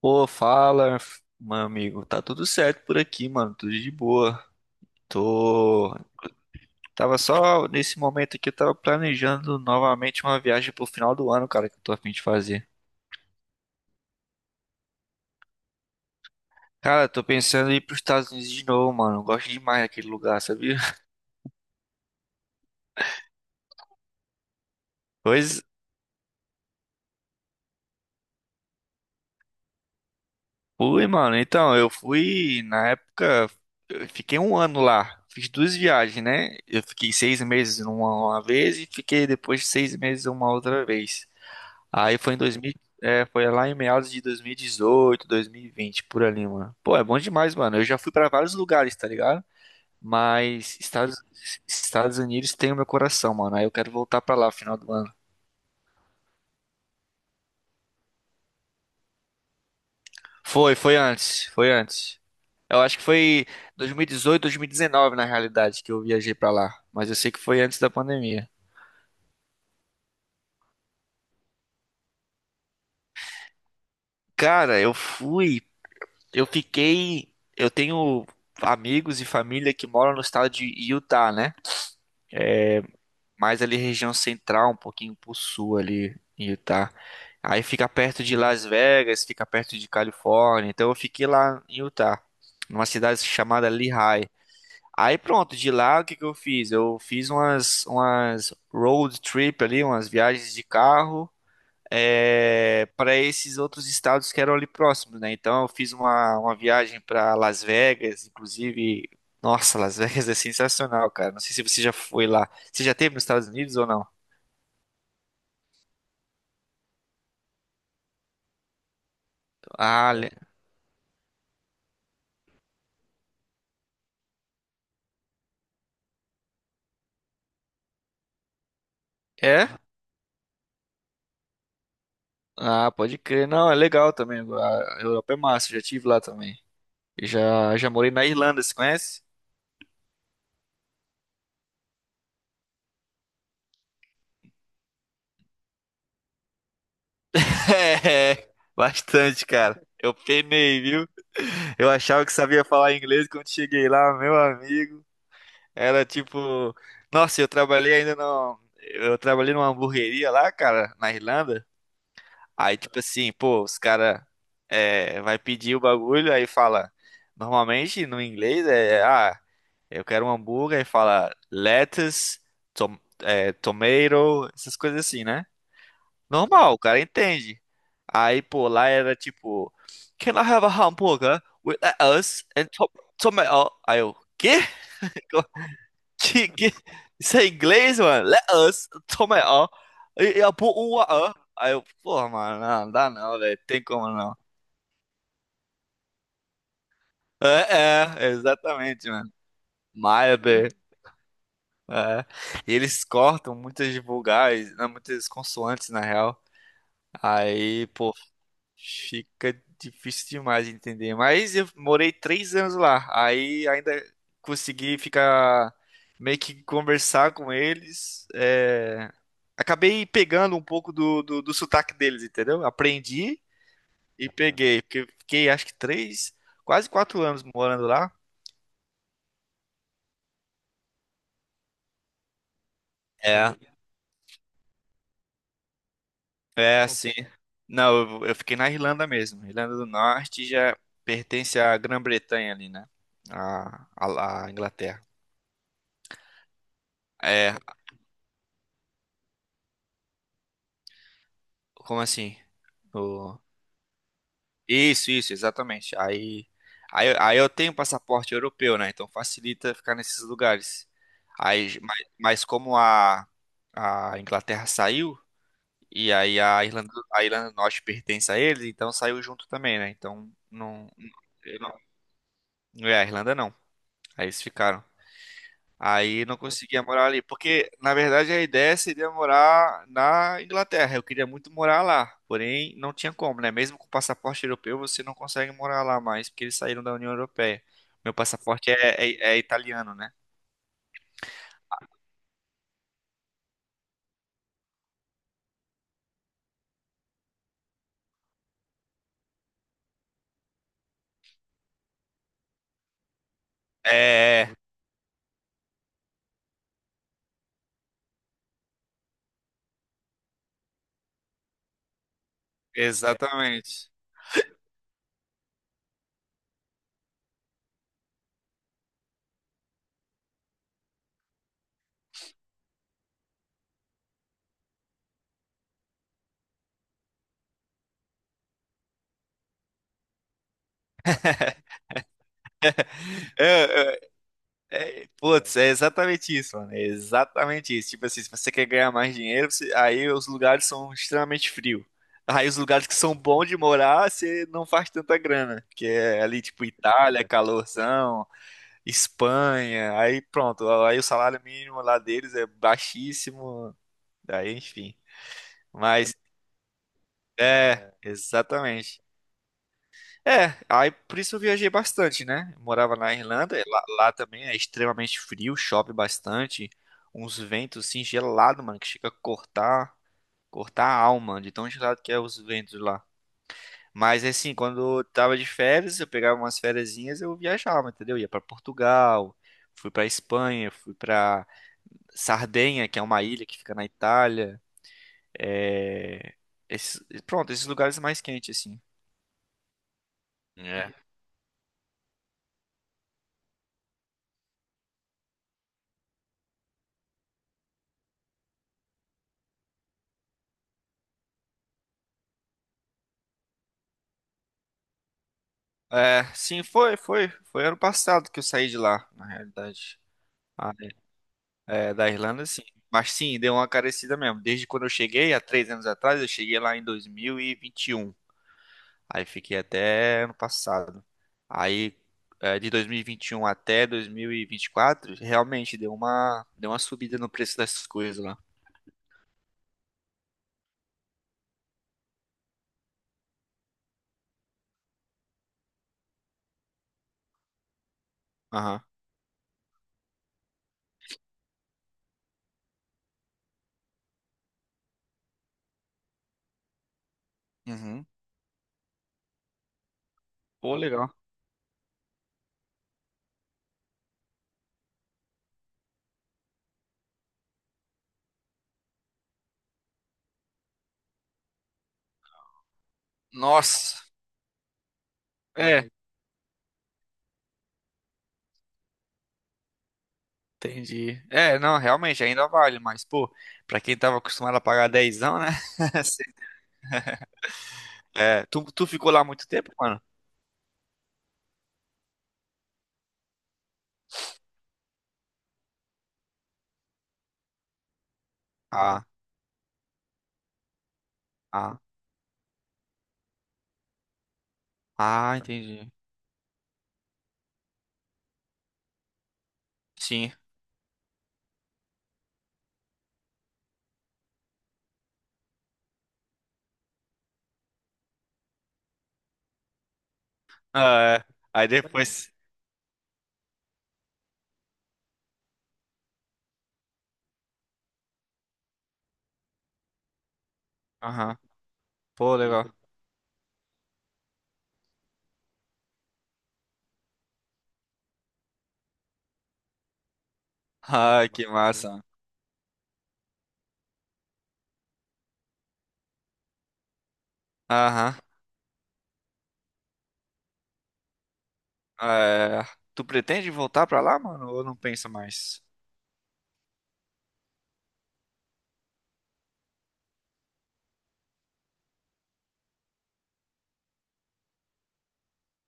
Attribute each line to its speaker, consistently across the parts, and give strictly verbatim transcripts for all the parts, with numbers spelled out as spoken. Speaker 1: Pô, fala, f- meu amigo. Tá tudo certo por aqui, mano. Tudo de boa. Tô. Tava só nesse momento aqui, eu tava planejando novamente uma viagem pro final do ano, cara, que eu tô a fim de fazer. Cara, tô pensando em ir pros Estados Unidos de novo, mano. Eu Gosto demais daquele lugar, sabia? Pois fui, mano. Então, eu fui na época. Eu fiquei um ano lá. Fiz duas viagens, né? Eu fiquei seis meses numa uma vez e fiquei depois seis meses uma outra vez. Aí foi em dois mil, é, foi lá em meados de dois dois mil mil e dezoito, dois mil e vinte, por ali, mano. Pô, é bom demais, mano. Eu já fui pra vários lugares, tá ligado? Mas Estados, Estados Unidos tem o meu coração, mano. Aí eu quero voltar pra lá no final do ano. Foi, foi antes, foi antes. Eu acho que foi dois dois mil mil e dezoito, dois mil e dois mil e dezenove, na realidade, que eu viajei pra lá, mas eu sei que foi antes da pandemia. Cara, eu fui, eu fiquei, eu tenho amigos e família que moram no estado de Utah, né? Mais ali região central, um pouquinho pro sul ali em Utah. Aí fica perto de Las Vegas, fica perto de Califórnia. Então eu fiquei lá em Utah, numa cidade chamada Lehigh. Aí pronto, de lá o que que eu fiz? Eu fiz umas umas road trip ali, umas viagens de carro para esses outros estados que eram ali próximos, né? Então eu fiz uma, uma viagem para Las Vegas, inclusive. Nossa, Las Vegas é sensacional, cara. Não sei se você já foi lá. Você já esteve nos Estados Unidos ou não? Ah, le- é? Ah, pode crer. Não, é legal também. A Europa é massa, eu já tive lá também. Eu já, já morei na Irlanda, você conhece? É, bastante, cara. Eu penei, viu? Eu achava que sabia falar inglês quando cheguei lá, meu amigo. Era tipo, nossa, eu trabalhei ainda no, eu trabalhei numa hamburgueria lá, cara, na Irlanda. Aí tipo assim, pô, os cara é, vai pedir o bagulho, aí fala, normalmente no inglês é, ah, eu quero um hambúrguer, aí fala lettuce, tom, é, tomato, essas coisas assim, né? Normal, o cara entende. Aí, pô, lá era tipo, Can I have a hamburger with lettuce and to tomato? Aí eu, quê? Que, que- isso é inglês, mano? Let us. Toma aí, ó. E, e eu pôr um ó. Aí eu, porra, mano, não, não dá não, velho. Tem como não. É, é, exatamente, mano. Maybe. É. E eles cortam muitas de vogais, né, muitas consoantes, na real. Aí, pô, Fica difícil demais de entender. Mas eu morei três anos lá. Aí ainda consegui ficar meio que conversar com eles. é, Acabei pegando um pouco do, do, do sotaque deles, entendeu? Aprendi e peguei. Porque eu fiquei acho que três, quase quatro anos morando lá. É, é. Pô, sim. Não, eu, eu fiquei na Irlanda mesmo. Irlanda do Norte já pertence à Grã-Bretanha ali, né? A, a, a Inglaterra. É. Como assim? O- Isso, isso, exatamente. Aí, aí, aí eu tenho passaporte europeu, né? Então facilita ficar nesses lugares. Aí, mas, mas como a, a Inglaterra saiu, e aí a Irlanda, a Irlanda do Norte pertence a eles, então saiu junto também, né? Então não, não, eu não- não é a Irlanda não. Aí eles ficaram. Aí não conseguia morar ali, porque na verdade a ideia seria morar na Inglaterra. Eu queria muito morar lá, porém não tinha como, né? Mesmo com passaporte europeu, você não consegue morar lá mais, porque eles saíram da União Europeia. Meu passaporte é, é- é italiano, né? É, é, exatamente. É, é. É, putz, é exatamente isso, mano. É exatamente isso. Tipo assim, se você quer ganhar mais dinheiro, você- aí os lugares são extremamente frios. Aí os lugares que são bons de morar, você não faz tanta grana. Que é ali, tipo, Itália, calorzão, Espanha. Aí pronto, aí o salário mínimo lá deles é baixíssimo. Aí, enfim. Mas, é, exatamente. É, aí por isso eu viajei bastante, né? Eu Morava na Irlanda, e lá, lá também é extremamente frio, chove bastante, uns ventos assim gelados, mano, que chega a cortar, cortar a alma de tão gelado que é os ventos lá. Mas assim, quando eu tava de férias, eu pegava umas fériasinhas, eu viajava, entendeu? Ia pra Portugal, fui pra Espanha, fui pra Sardenha, que é uma ilha que fica na Itália. É... esses- Pronto, esses lugares mais quentes assim. É. É, sim, foi, foi. Foi ano passado que eu saí de lá, na realidade. Ah, é. É, da Irlanda, sim. Mas sim, deu uma carecida mesmo. Desde quando eu cheguei, há três anos atrás, eu cheguei lá em dois mil e vinte e um. Aí fiquei até ano passado. Aí, é, de dois mil e vinte e um até dois mil e vinte e quatro, realmente deu uma, deu uma subida no preço das coisas lá. Aham. Uhum. Pô, legal. Nossa. É. Entendi. É, não, realmente ainda vale, mas, pô, pra quem tava acostumado a pagar dezão, né? Sim. É, tu, tu ficou lá muito tempo, mano? Ah, ah, ah, entendi. Sim. Ah, é. Aí depois. Aham. Pô, legal. Ai, que massa. Aham. É. Tu pretende voltar pra lá, mano? Ou não pensa mais?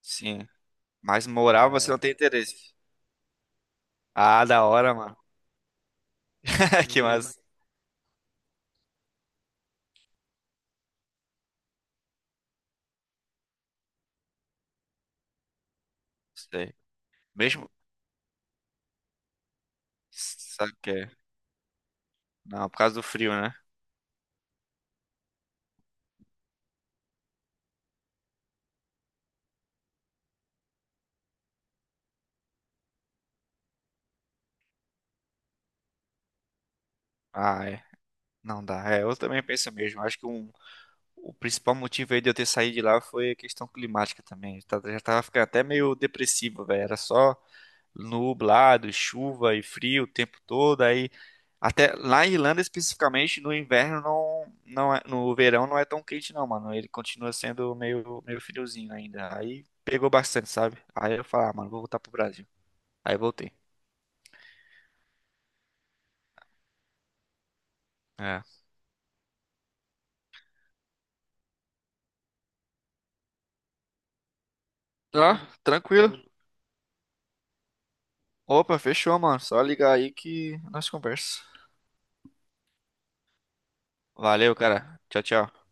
Speaker 1: Sim. Mas morar você não tem interesse? Ah, da hora, mano. Que massa. Sei. Mesmo. Sabe o que é? Não, por causa do frio, né? Ah, é. Não dá. É, eu também penso mesmo. Acho que um, o principal motivo aí de eu ter saído de lá foi a questão climática também. Tá- Já tava ficando até meio depressivo, velho. Era só nublado, chuva e frio o tempo todo. Aí, até lá em Irlanda especificamente, no inverno não, não é, no verão não é tão quente não, mano. Ele continua sendo meio, meio friozinho ainda. Aí pegou bastante, sabe? Aí eu falei, ah, mano, vou voltar pro Brasil. Aí voltei. É. Tá, tranquilo. Opa, fechou, mano. Só ligar aí que nós conversa. Valeu, cara. Tchau, tchau.